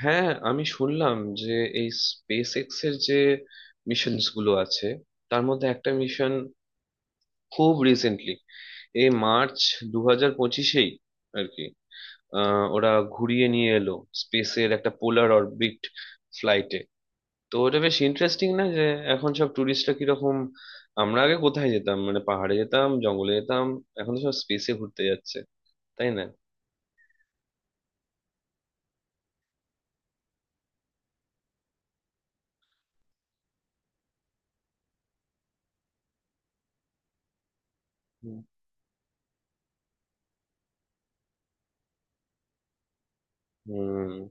হ্যাঁ, আমি শুনলাম যে এই স্পেস এক্স এর যে মিশনস গুলো আছে, তার মধ্যে একটা মিশন খুব রিসেন্টলি এই মার্চ 2025-এই আর কি, ওরা ঘুরিয়ে নিয়ে এলো স্পেসের একটা পোলার অরবিট ফ্লাইটে। তো ওটা বেশ ইন্টারেস্টিং না? যে এখন সব ট্যুরিস্টরা কিরকম, আমরা আগে কোথায় যেতাম, মানে পাহাড়ে যেতাম, জঙ্গলে যেতাম, এখন তো সব স্পেসে ঘুরতে যাচ্ছে, তাই না? হুম।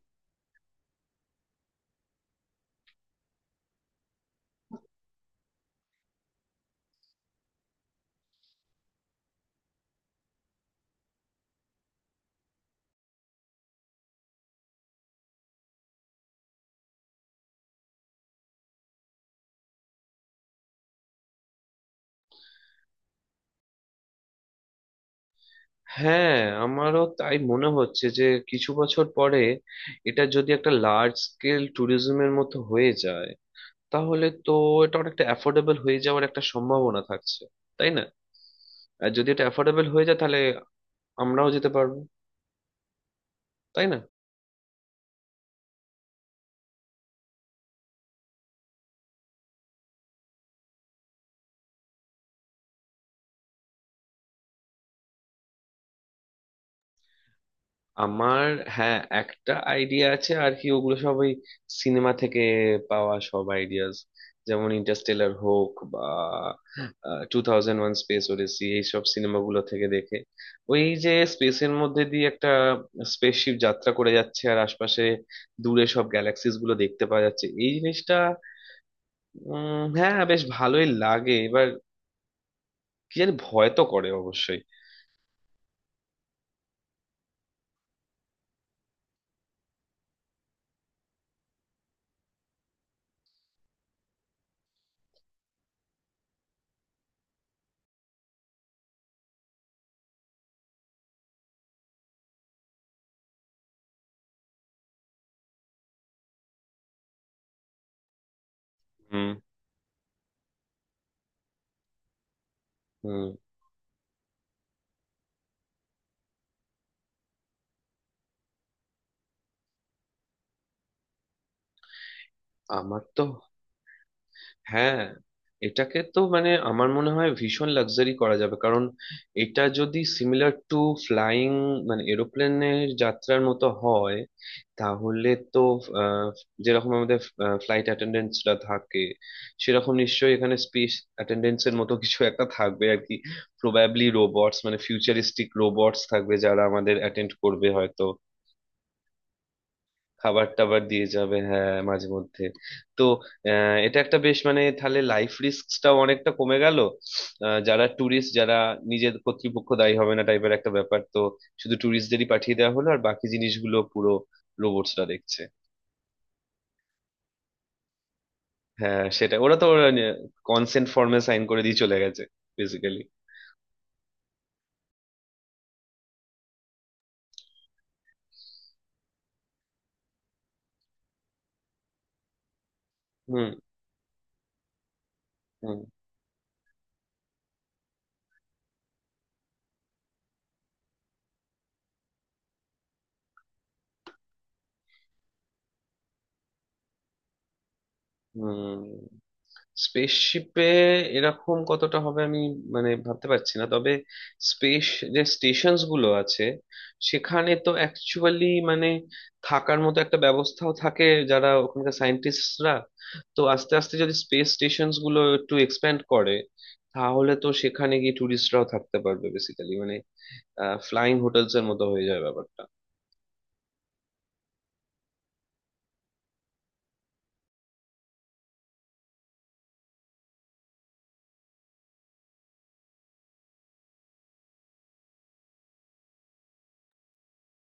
হ্যাঁ, আমারও তাই মনে হচ্ছে যে কিছু বছর পরে এটা যদি একটা লার্জ স্কেল ট্যুরিজমের মতো হয়ে যায়, তাহলে তো এটা অনেকটা অ্যাফোর্ডেবল হয়ে যাওয়ার একটা সম্ভাবনা থাকছে, তাই না? আর যদি এটা অ্যাফোর্ডেবল হয়ে যায় তাহলে আমরাও যেতে পারবো, তাই না? আমার হ্যাঁ, একটা আইডিয়া আছে আর কি, ওগুলো সব ওই সিনেমা থেকে পাওয়া সব আইডিয়াস, যেমন ইন্টারস্টেলার হোক বা 2001 স্পেস ওডিসি, এইসব সিনেমাগুলো থেকে দেখে ওই যে স্পেসের মধ্যে দিয়ে একটা স্পেসশিপ যাত্রা করে যাচ্ছে আর আশপাশে দূরে সব গ্যালাক্সিস গুলো দেখতে পাওয়া যাচ্ছে, এই জিনিসটা হ্যাঁ, বেশ ভালোই লাগে। এবার কি জানি, ভয় তো করে অবশ্যই। হুম হুম। আমার তো হ্যাঁ, এটাকে তো মানে আমার মনে হয় ভীষণ লাক্সারি করা যাবে, কারণ এটা যদি সিমিলার টু ফ্লাইং মানে এরোপ্লেনের যাত্রার মতো হয়, তাহলে তো আহ, যেরকম আমাদের ফ্লাইট অ্যাটেন্ডেন্টসরা থাকে, সেরকম নিশ্চয়ই এখানে স্পেস অ্যাটেন্ডেন্টসের মতো কিছু একটা থাকবে আর কি। প্রবাবলি রোবটস, মানে ফিউচারিস্টিক রোবটস থাকবে যারা আমাদের অ্যাটেন্ড করবে হয়তো। খাবার টাবার দিয়ে যাবে, হ্যাঁ, মাঝে মধ্যে। তো এটা একটা বেশ মানে তাহলে লাইফ রিস্কটাও অনেকটা কমে গেল। যারা ট্যুরিস্ট যারা নিজের কর্তৃপক্ষ দায়ী হবে না টাইপের একটা ব্যাপার, তো শুধু ট্যুরিস্টদেরই পাঠিয়ে দেওয়া হলো আর বাকি জিনিসগুলো পুরো রোবটসরা দেখছে। হ্যাঁ, সেটা ওরা তো কনসেন্ট ফর্মে সাইন করে দিয়ে চলে গেছে বেসিক্যালি। হুম হুম হুম। স্পেসশিপে এরকম কতটা হবে আমি মানে ভাবতে পারছি না, তবে স্পেস যে স্টেশনস গুলো আছে সেখানে তো অ্যাকচুয়ালি মানে থাকার মতো একটা ব্যবস্থাও থাকে, যারা ওখানকার সায়েন্টিস্টরা। তো আস্তে আস্তে যদি স্পেস স্টেশনস গুলো একটু এক্সপ্যান্ড করে তাহলে তো সেখানে গিয়ে ট্যুরিস্টরাও থাকতে পারবে, বেসিক্যালি মানে ফ্লাইং হোটেলস এর মতো হয়ে যায় ব্যাপারটা।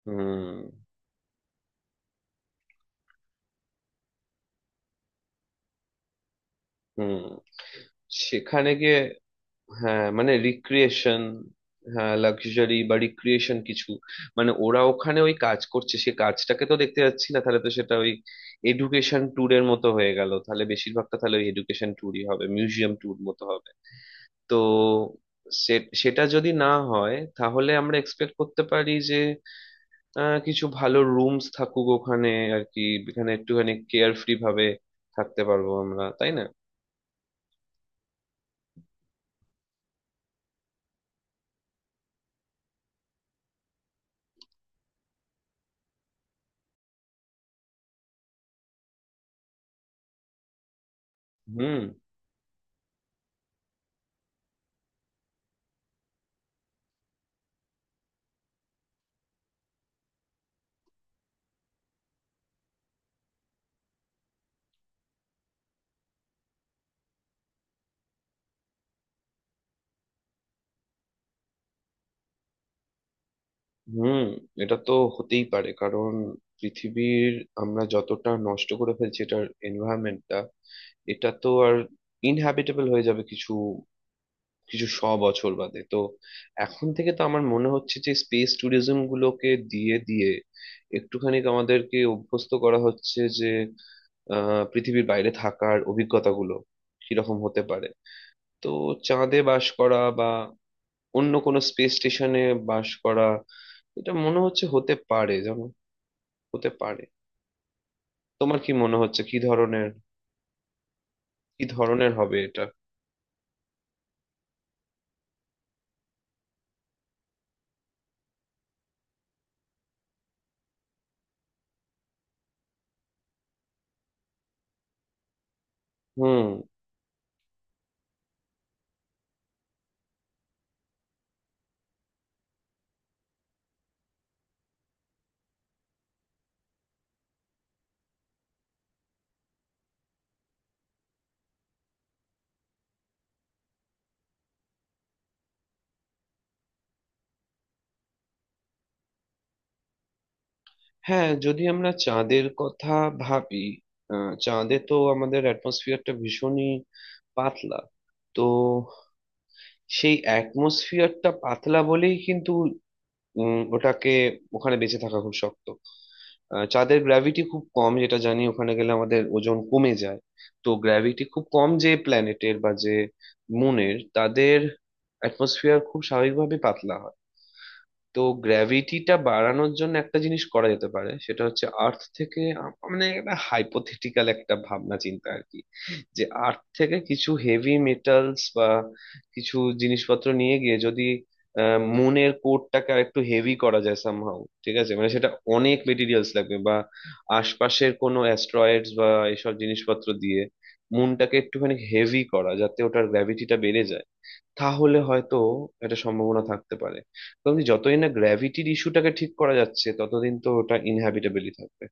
হুম হুম। সেখানে গিয়ে হ্যাঁ মানে রিক্রিয়েশন, হ্যাঁ লাক্সারি বা রিক্রিয়েশন কিছু, মানে ওরা ওখানে ওই কাজ করছে সে কাজটাকে তো দেখতে যাচ্ছি না, তাহলে তো সেটা ওই এডুকেশন ট্যুরের মতো হয়ে গেল, তাহলে বেশিরভাগটা তাহলে ওই এডুকেশন ট্যুরই হবে, মিউজিয়াম ট্যুর মতো হবে। তো সেটা যদি না হয় তাহলে আমরা এক্সপেক্ট করতে পারি যে কিছু ভালো রুমস থাকুক ওখানে আর কি, এখানে একটুখানি কেয়ার ফ্রি ভাবে থাকতে পারবো আমরা, তাই না? হুম হুম। এটা তো হতেই পারে, কারণ পৃথিবীর, আমরা যতটা নষ্ট করে ফেলছি এটার এনভায়রনমেন্টটা, এটা তো আর ইনহ্যাবিটেবল হয়ে যাবে কিছু কিছু শ বছর বাদে তো। এখন থেকে তো আমার মনে হচ্ছে যে স্পেস ট্যুরিজম গুলোকে দিয়ে দিয়ে একটুখানি আমাদেরকে অভ্যস্ত করা হচ্ছে যে আহ, পৃথিবীর বাইরে থাকার অভিজ্ঞতাগুলো কিরকম হতে পারে। তো চাঁদে বাস করা বা অন্য কোনো স্পেস স্টেশনে বাস করা, এটা মনে হচ্ছে হতে পারে। যেমন হতে পারে, তোমার কি মনে হচ্ছে কি ধরনের, কি ধরনের হবে এটা? হুম। হ্যাঁ, যদি আমরা চাঁদের কথা ভাবি, চাঁদে তো আমাদের অ্যাটমসফিয়ারটা ভীষণই পাতলা। তো সেই অ্যাটমসফিয়ারটা পাতলা বলেই কিন্তু ওটাকে ওখানে বেঁচে থাকা খুব শক্ত। চাঁদের গ্র্যাভিটি খুব কম, যেটা জানি ওখানে গেলে আমাদের ওজন কমে যায়। তো গ্র্যাভিটি খুব কম যে প্ল্যানেটের বা যে মুনের, তাদের অ্যাটমসফিয়ার খুব স্বাভাবিকভাবে পাতলা হয়। তো গ্র্যাভিটিটা বাড়ানোর জন্য একটা জিনিস করা যেতে পারে, সেটা হচ্ছে আর্থ থেকে মানে একটা হাইপোথেটিক্যাল একটা ভাবনা চিন্তা আর কি, যে আর্থ থেকে কিছু হেভি মেটালস বা কিছু জিনিসপত্র নিয়ে গিয়ে যদি মুনের কোরটাকে আর একটু হেভি করা যায় সামহাউ, ঠিক আছে মানে সেটা অনেক মেটেরিয়ালস লাগবে বা আশপাশের কোনো অ্যাস্ট্রয়েডস বা এসব জিনিসপত্র দিয়ে মুনটাকে একটুখানি হেভি করা যাতে ওটার গ্র্যাভিটিটা বেড়ে যায়, তাহলে হয়তো একটা সম্ভাবনা থাকতে পারে। কারণ কি, যতদিন না গ্র্যাভিটির ইস্যুটাকে ঠিক করা যাচ্ছে ততদিন তো ওটা ইনহ্যাবিটেবলই থাকবে।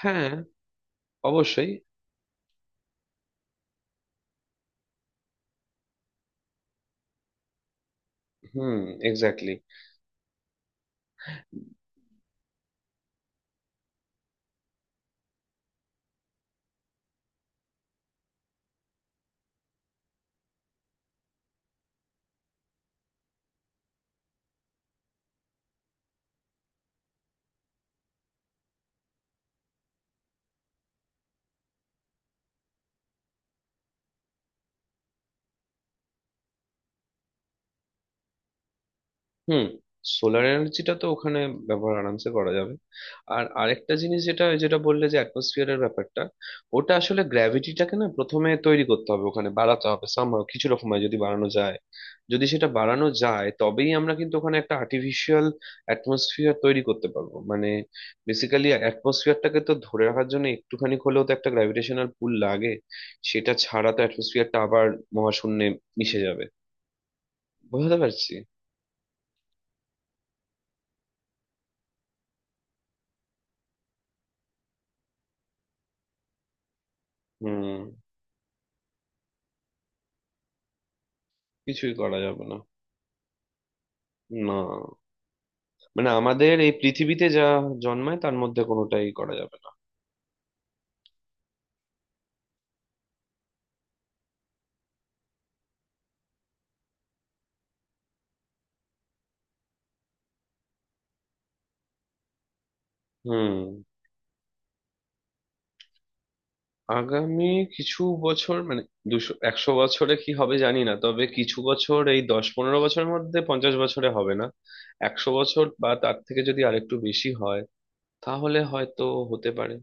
হ্যাঁ, অবশ্যই। হুম, এক্স্যাক্টলি। হুম। সোলার এনার্জিটা তো ওখানে ব্যবহার আরামসে করা যাবে। আর আরেকটা জিনিস, যেটা যেটা বললে যে অ্যাটমসফিয়ারের ব্যাপারটা, ওটা আসলে গ্র্যাভিটিটাকে না প্রথমে তৈরি করতে হবে ওখানে, বাড়াতে হবে সামহাও কিছু রকম হয়। যদি বাড়ানো যায়, যদি সেটা বাড়ানো যায় তবেই আমরা কিন্তু ওখানে একটা আর্টিফিশিয়াল অ্যাটমসফিয়ার তৈরি করতে পারবো, মানে বেসিক্যালি অ্যাটমসফিয়ারটাকে তো ধরে রাখার জন্য একটুখানি হলেও তো একটা গ্র্যাভিটেশনাল পুল লাগে, সেটা ছাড়া তো অ্যাটমসফিয়ারটা আবার মহাশূন্যে মিশে যাবে। বুঝতে পারছি। হুম। কিছুই করা যাবে না। না, মানে আমাদের এই পৃথিবীতে যা জন্মায় তার মধ্যে কোনোটাই করা যাবে না। হুম। আগামী কিছু বছর মানে 200 100 বছরে কি হবে জানি না, তবে কিছু বছর এই 10 15 বছরের মধ্যে, 50 বছরে হবে না। 100 বছর বা তার থেকে যদি আরেকটু বেশি হয় তাহলে হয়তো হতে পারে।